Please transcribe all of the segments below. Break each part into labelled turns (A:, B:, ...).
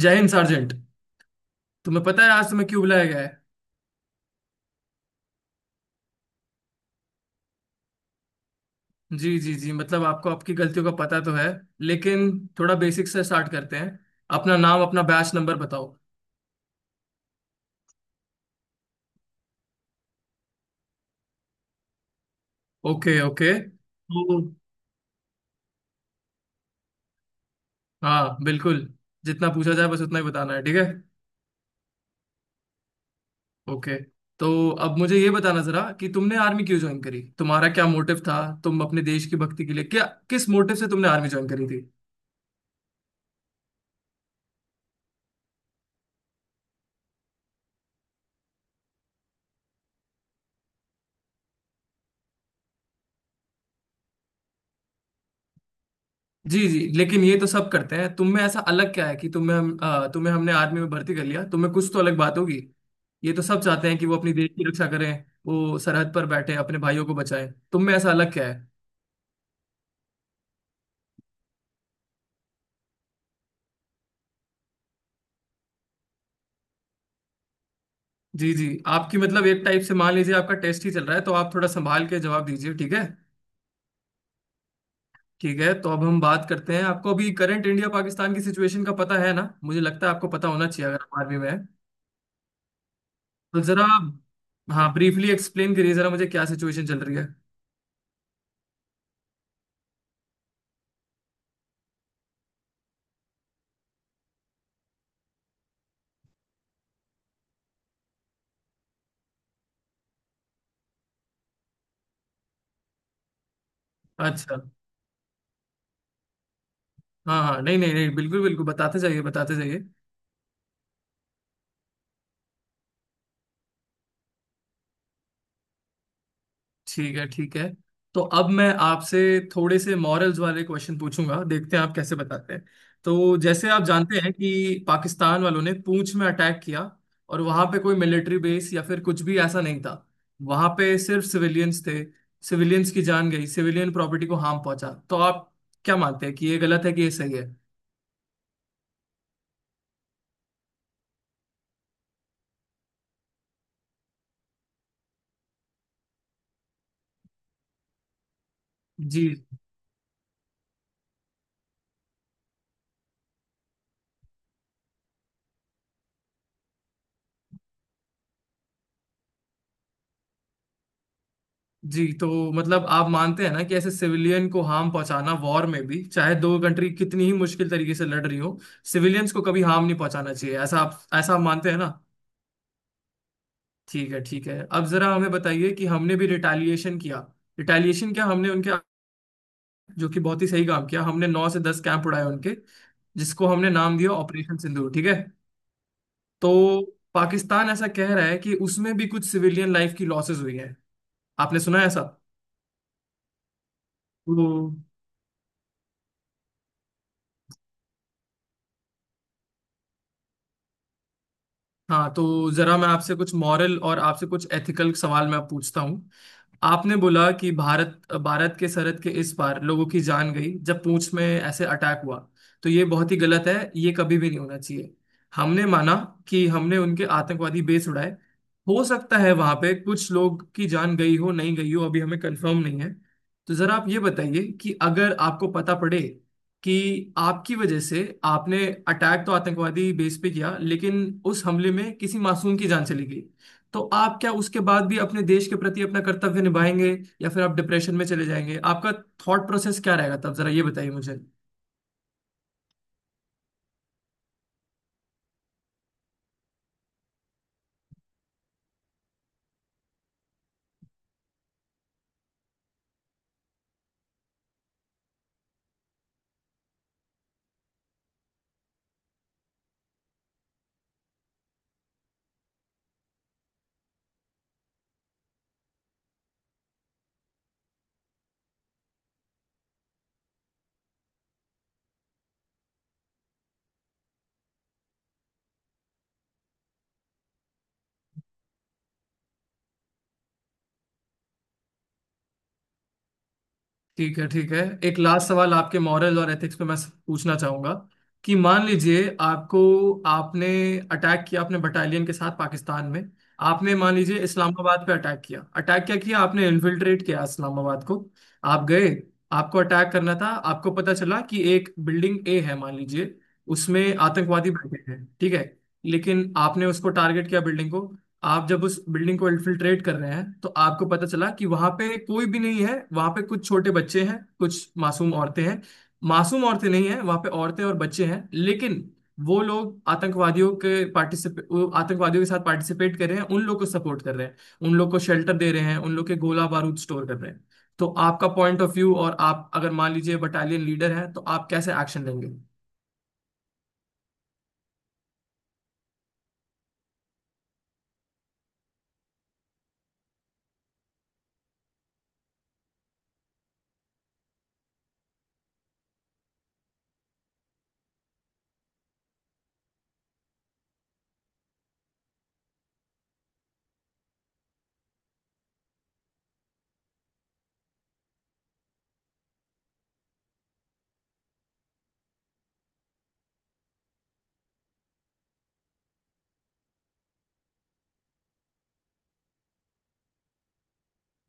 A: जय हिंद सार्जेंट। तुम्हें पता है आज तुम्हें क्यों बुलाया गया है? जी जी जी, मतलब आपको आपकी गलतियों का पता तो है, लेकिन थोड़ा बेसिक से स्टार्ट करते हैं। अपना नाम अपना बैच नंबर बताओ। Okay okay. तो हाँ बिल्कुल, जितना पूछा जाए बस उतना ही बताना है, ठीक है? ओके। तो अब मुझे ये बताना जरा कि तुमने आर्मी क्यों ज्वाइन करी, तुम्हारा क्या मोटिव था। तुम अपने देश की भक्ति के लिए क्या, किस मोटिव से तुमने आर्मी ज्वाइन करी थी? जी जी, लेकिन ये तो सब करते हैं, तुम में ऐसा अलग क्या है कि तुम्हें हम तुम्हें हमने आर्मी में भर्ती कर लिया, तुम्हें कुछ तो अलग बात होगी। ये तो सब चाहते हैं कि वो अपनी देश की रक्षा करें, वो सरहद पर बैठे अपने भाइयों को बचाएं। तुम में ऐसा अलग क्या है? जी जी। आपकी मतलब एक टाइप से मान लीजिए आपका टेस्ट ही चल रहा है, तो आप थोड़ा संभाल के जवाब दीजिए, ठीक है? ठीक है, तो अब हम बात करते हैं। आपको अभी करंट इंडिया पाकिस्तान की सिचुएशन का पता है ना? मुझे लगता है आपको पता होना चाहिए अगर आप आर्मी में है। तो जरा हाँ, ब्रीफली एक्सप्लेन करिए जरा मुझे क्या सिचुएशन चल रही है। अच्छा। हाँ हाँ, नहीं नहीं नहीं, बिल्कुल बिल्कुल, बताते जाइए बताते जाइए। ठीक है ठीक है। तो अब मैं आपसे थोड़े से मॉरल्स वाले क्वेश्चन पूछूंगा, देखते हैं आप कैसे बताते हैं। तो जैसे आप जानते हैं कि पाकिस्तान वालों ने पूंछ में अटैक किया, और वहां पे कोई मिलिट्री बेस या फिर कुछ भी ऐसा नहीं था। वहां पे सिर्फ सिविलियंस थे। सिविलियंस की जान गई, सिविलियन प्रॉपर्टी को हार्म पहुंचा। तो आप क्या मानते हैं कि ये गलत है कि ये सही है? जी जी। तो मतलब आप मानते हैं ना कि ऐसे सिविलियन को हार्म पहुंचाना, वॉर में भी चाहे दो कंट्री कितनी ही मुश्किल तरीके से लड़ रही हो, सिविलियंस को कभी हार्म नहीं पहुंचाना चाहिए, ऐसा आप, ऐसा आप मानते हैं ना? ठीक है ठीक है। अब जरा हमें बताइए कि हमने भी रिटेलिएशन किया, रिटेलिएशन क्या, हमने उनके, जो कि बहुत ही सही काम किया, हमने नौ से दस कैंप उड़ाए उनके, जिसको हमने नाम दिया ऑपरेशन सिंदूर, ठीक है? तो पाकिस्तान ऐसा कह रहा है कि उसमें भी कुछ सिविलियन लाइफ की लॉसेस हुई है। आपने सुना है ऐसा? तो हाँ, तो जरा मैं आपसे कुछ मॉरल और आपसे कुछ एथिकल सवाल मैं पूछता हूँ। आपने बोला कि भारत, भारत के सरहद के इस पार लोगों की जान गई जब पूंछ में ऐसे अटैक हुआ, तो ये बहुत ही गलत है, ये कभी भी नहीं होना चाहिए। हमने माना कि हमने उनके आतंकवादी बेस उड़ाए, हो सकता है वहां पे कुछ लोग की जान गई हो, नहीं गई हो, अभी हमें कंफर्म नहीं है। तो जरा आप ये बताइए कि अगर आपको पता पड़े कि आपकी वजह से, आपने अटैक तो आतंकवादी बेस पे किया, लेकिन उस हमले में किसी मासूम की जान चली गई, तो आप क्या उसके बाद भी अपने देश के प्रति अपना कर्तव्य निभाएंगे, या फिर आप डिप्रेशन में चले जाएंगे? आपका थॉट प्रोसेस क्या रहेगा तब, जरा ये बताइए मुझे। ठीक है ठीक है। एक लास्ट सवाल आपके मॉरल और एथिक्स पे मैं पूछना चाहूंगा कि मान लीजिए आपको, आपने अटैक किया अपने बटालियन के साथ पाकिस्तान में, आपने मान लीजिए इस्लामाबाद पे अटैक किया, अटैक क्या किया आपने इन्फिल्ट्रेट किया इस्लामाबाद को। आप गए, आपको अटैक करना था, आपको पता चला कि एक बिल्डिंग ए है मान लीजिए, उसमें आतंकवादी बैठे हैं, ठीक है? लेकिन आपने उसको टारगेट किया, बिल्डिंग को। आप जब उस बिल्डिंग को इन्फिल्ट्रेट कर रहे हैं तो आपको पता चला कि वहां पे कोई भी नहीं है, वहां पे कुछ छोटे बच्चे हैं, कुछ मासूम औरतें हैं। मासूम औरतें नहीं हैं, वहां पे औरतें और बच्चे हैं, लेकिन वो लोग आतंकवादियों के पार्टिसिपे, वो आतंकवादियों के साथ पार्टिसिपेट कर रहे हैं, उन लोग को सपोर्ट कर रहे हैं, उन लोग को शेल्टर दे रहे हैं, उन लोग के गोला बारूद स्टोर कर रहे हैं। तो आपका पॉइंट ऑफ व्यू, और आप अगर मान लीजिए बटालियन लीडर हैं तो आप कैसे एक्शन लेंगे?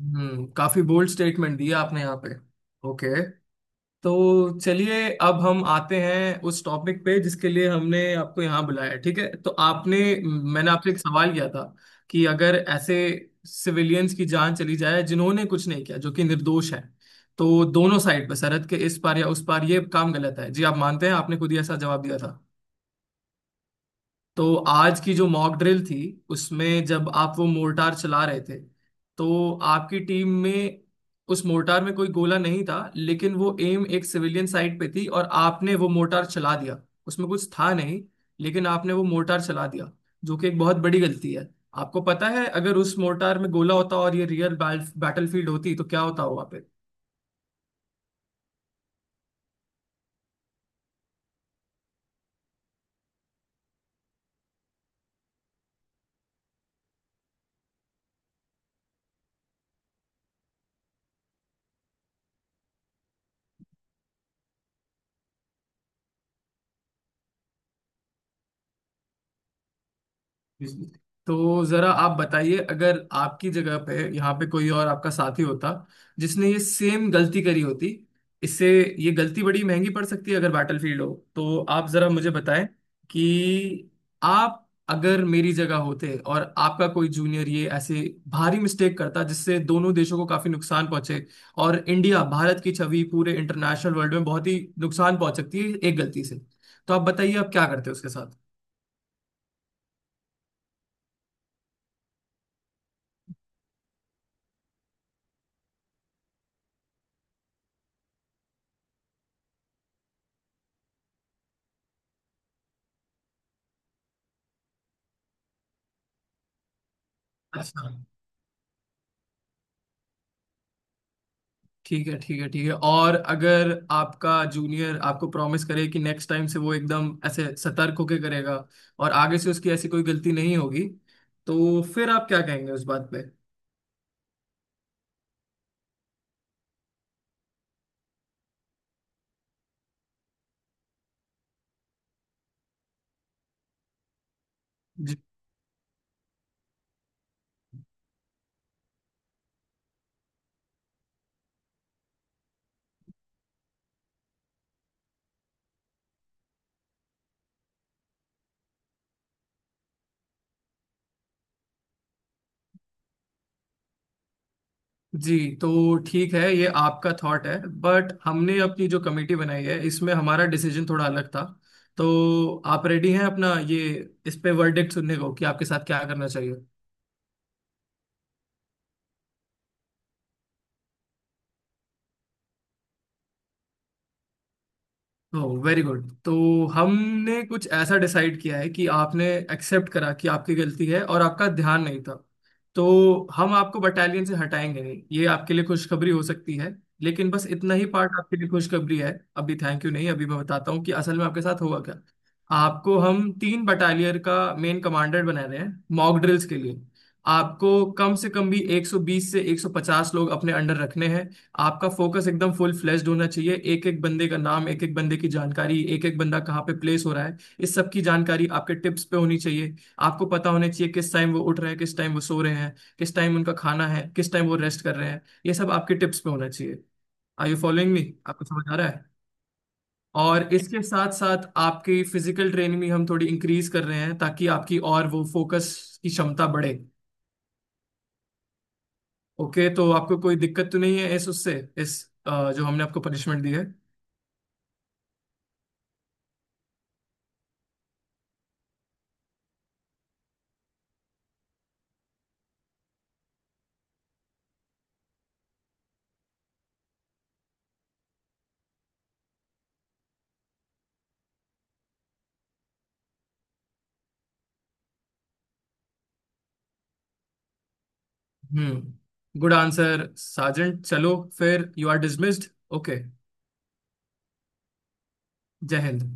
A: हम्म, काफी बोल्ड स्टेटमेंट दिया आपने यहाँ पे। ओके, तो चलिए, अब हम आते हैं उस टॉपिक पे जिसके लिए हमने आपको यहाँ बुलाया है, ठीक है? तो आपने, मैंने आपसे एक सवाल किया था कि अगर ऐसे सिविलियंस की जान चली जाए जिन्होंने कुछ नहीं किया, जो कि निर्दोष है, तो दोनों साइड पर सरहद के इस पार या उस पार ये काम गलत है जी, आप मानते हैं, आपने खुद ही ऐसा जवाब दिया था। तो आज की जो मॉक ड्रिल थी, उसमें जब आप वो मोर्टार चला रहे थे, तो आपकी टीम में, उस मोर्टार में कोई गोला नहीं था, लेकिन वो एम एक सिविलियन साइट पे थी और आपने वो मोर्टार चला दिया। उसमें कुछ था नहीं, लेकिन आपने वो मोर्टार चला दिया, जो कि एक बहुत बड़ी गलती है। आपको पता है अगर उस मोर्टार में गोला होता और ये रियल बैटल फील्ड होती तो क्या होता हुआ? जी। तो जरा आप बताइए, अगर आपकी जगह पे यहाँ पे कोई और आपका साथी होता जिसने ये सेम गलती करी होती, इससे, ये गलती बड़ी महंगी पड़ सकती है अगर बैटलफील्ड हो। तो आप जरा मुझे बताएं कि आप, अगर मेरी जगह होते और आपका कोई जूनियर ये ऐसे भारी मिस्टेक करता जिससे दोनों देशों को काफी नुकसान पहुंचे, और इंडिया, भारत की छवि पूरे इंटरनेशनल वर्ल्ड में बहुत ही नुकसान पहुंच सकती है एक गलती से, तो आप बताइए आप क्या करते उसके साथ? अच्छा। ठीक है ठीक है ठीक है। और अगर आपका जूनियर आपको प्रॉमिस करे कि नेक्स्ट टाइम से वो एकदम ऐसे सतर्क होके करेगा, और आगे से उसकी ऐसी कोई गलती नहीं होगी, तो फिर आप क्या कहेंगे उस बात पे? जी, जी। तो ठीक है, ये आपका थॉट है, बट हमने अपनी जो कमेटी बनाई है इसमें हमारा डिसीजन थोड़ा अलग था। तो आप रेडी हैं अपना ये, इस पे वर्डिक्ट सुनने को कि आपके साथ क्या करना चाहिए? Oh, very good. तो हमने कुछ ऐसा डिसाइड किया है कि आपने एक्सेप्ट करा कि आपकी गलती है और आपका ध्यान नहीं था, तो हम आपको बटालियन से हटाएंगे नहीं, ये आपके लिए खुशखबरी हो सकती है। लेकिन बस इतना ही पार्ट आपके लिए खुशखबरी है। अभी थैंक यू नहीं, अभी मैं बताता हूँ कि असल में आपके साथ हुआ क्या। आपको हम तीन बटालियर का मेन कमांडर बना रहे हैं मॉक ड्रिल्स के लिए। आपको कम से कम भी 120 से 150 लोग अपने अंडर रखने हैं। आपका फोकस एकदम फुल फ्लेश्ड होना चाहिए, एक एक बंदे का नाम, एक एक बंदे की जानकारी, एक एक बंदा कहाँ पे प्लेस हो रहा है, इस सब की जानकारी आपके टिप्स पे होनी चाहिए। आपको पता होना चाहिए किस टाइम वो उठ रहे हैं, किस टाइम वो सो रहे हैं, किस टाइम उनका खाना है, किस टाइम वो रेस्ट कर रहे हैं, ये सब आपके टिप्स पे होना चाहिए। Are you following me? आपको समझ आ रहा है? और इसके साथ साथ आपकी फिजिकल ट्रेनिंग भी हम थोड़ी इंक्रीज कर रहे हैं ताकि आपकी और वो फोकस की क्षमता बढ़े। ओके, तो आपको कोई दिक्कत तो नहीं है इस, उससे, इस जो हमने आपको पनिशमेंट दी है? हम्म, गुड आंसर साजन। चलो फिर, यू आर डिसमिस्ड। ओके। जय हिंद।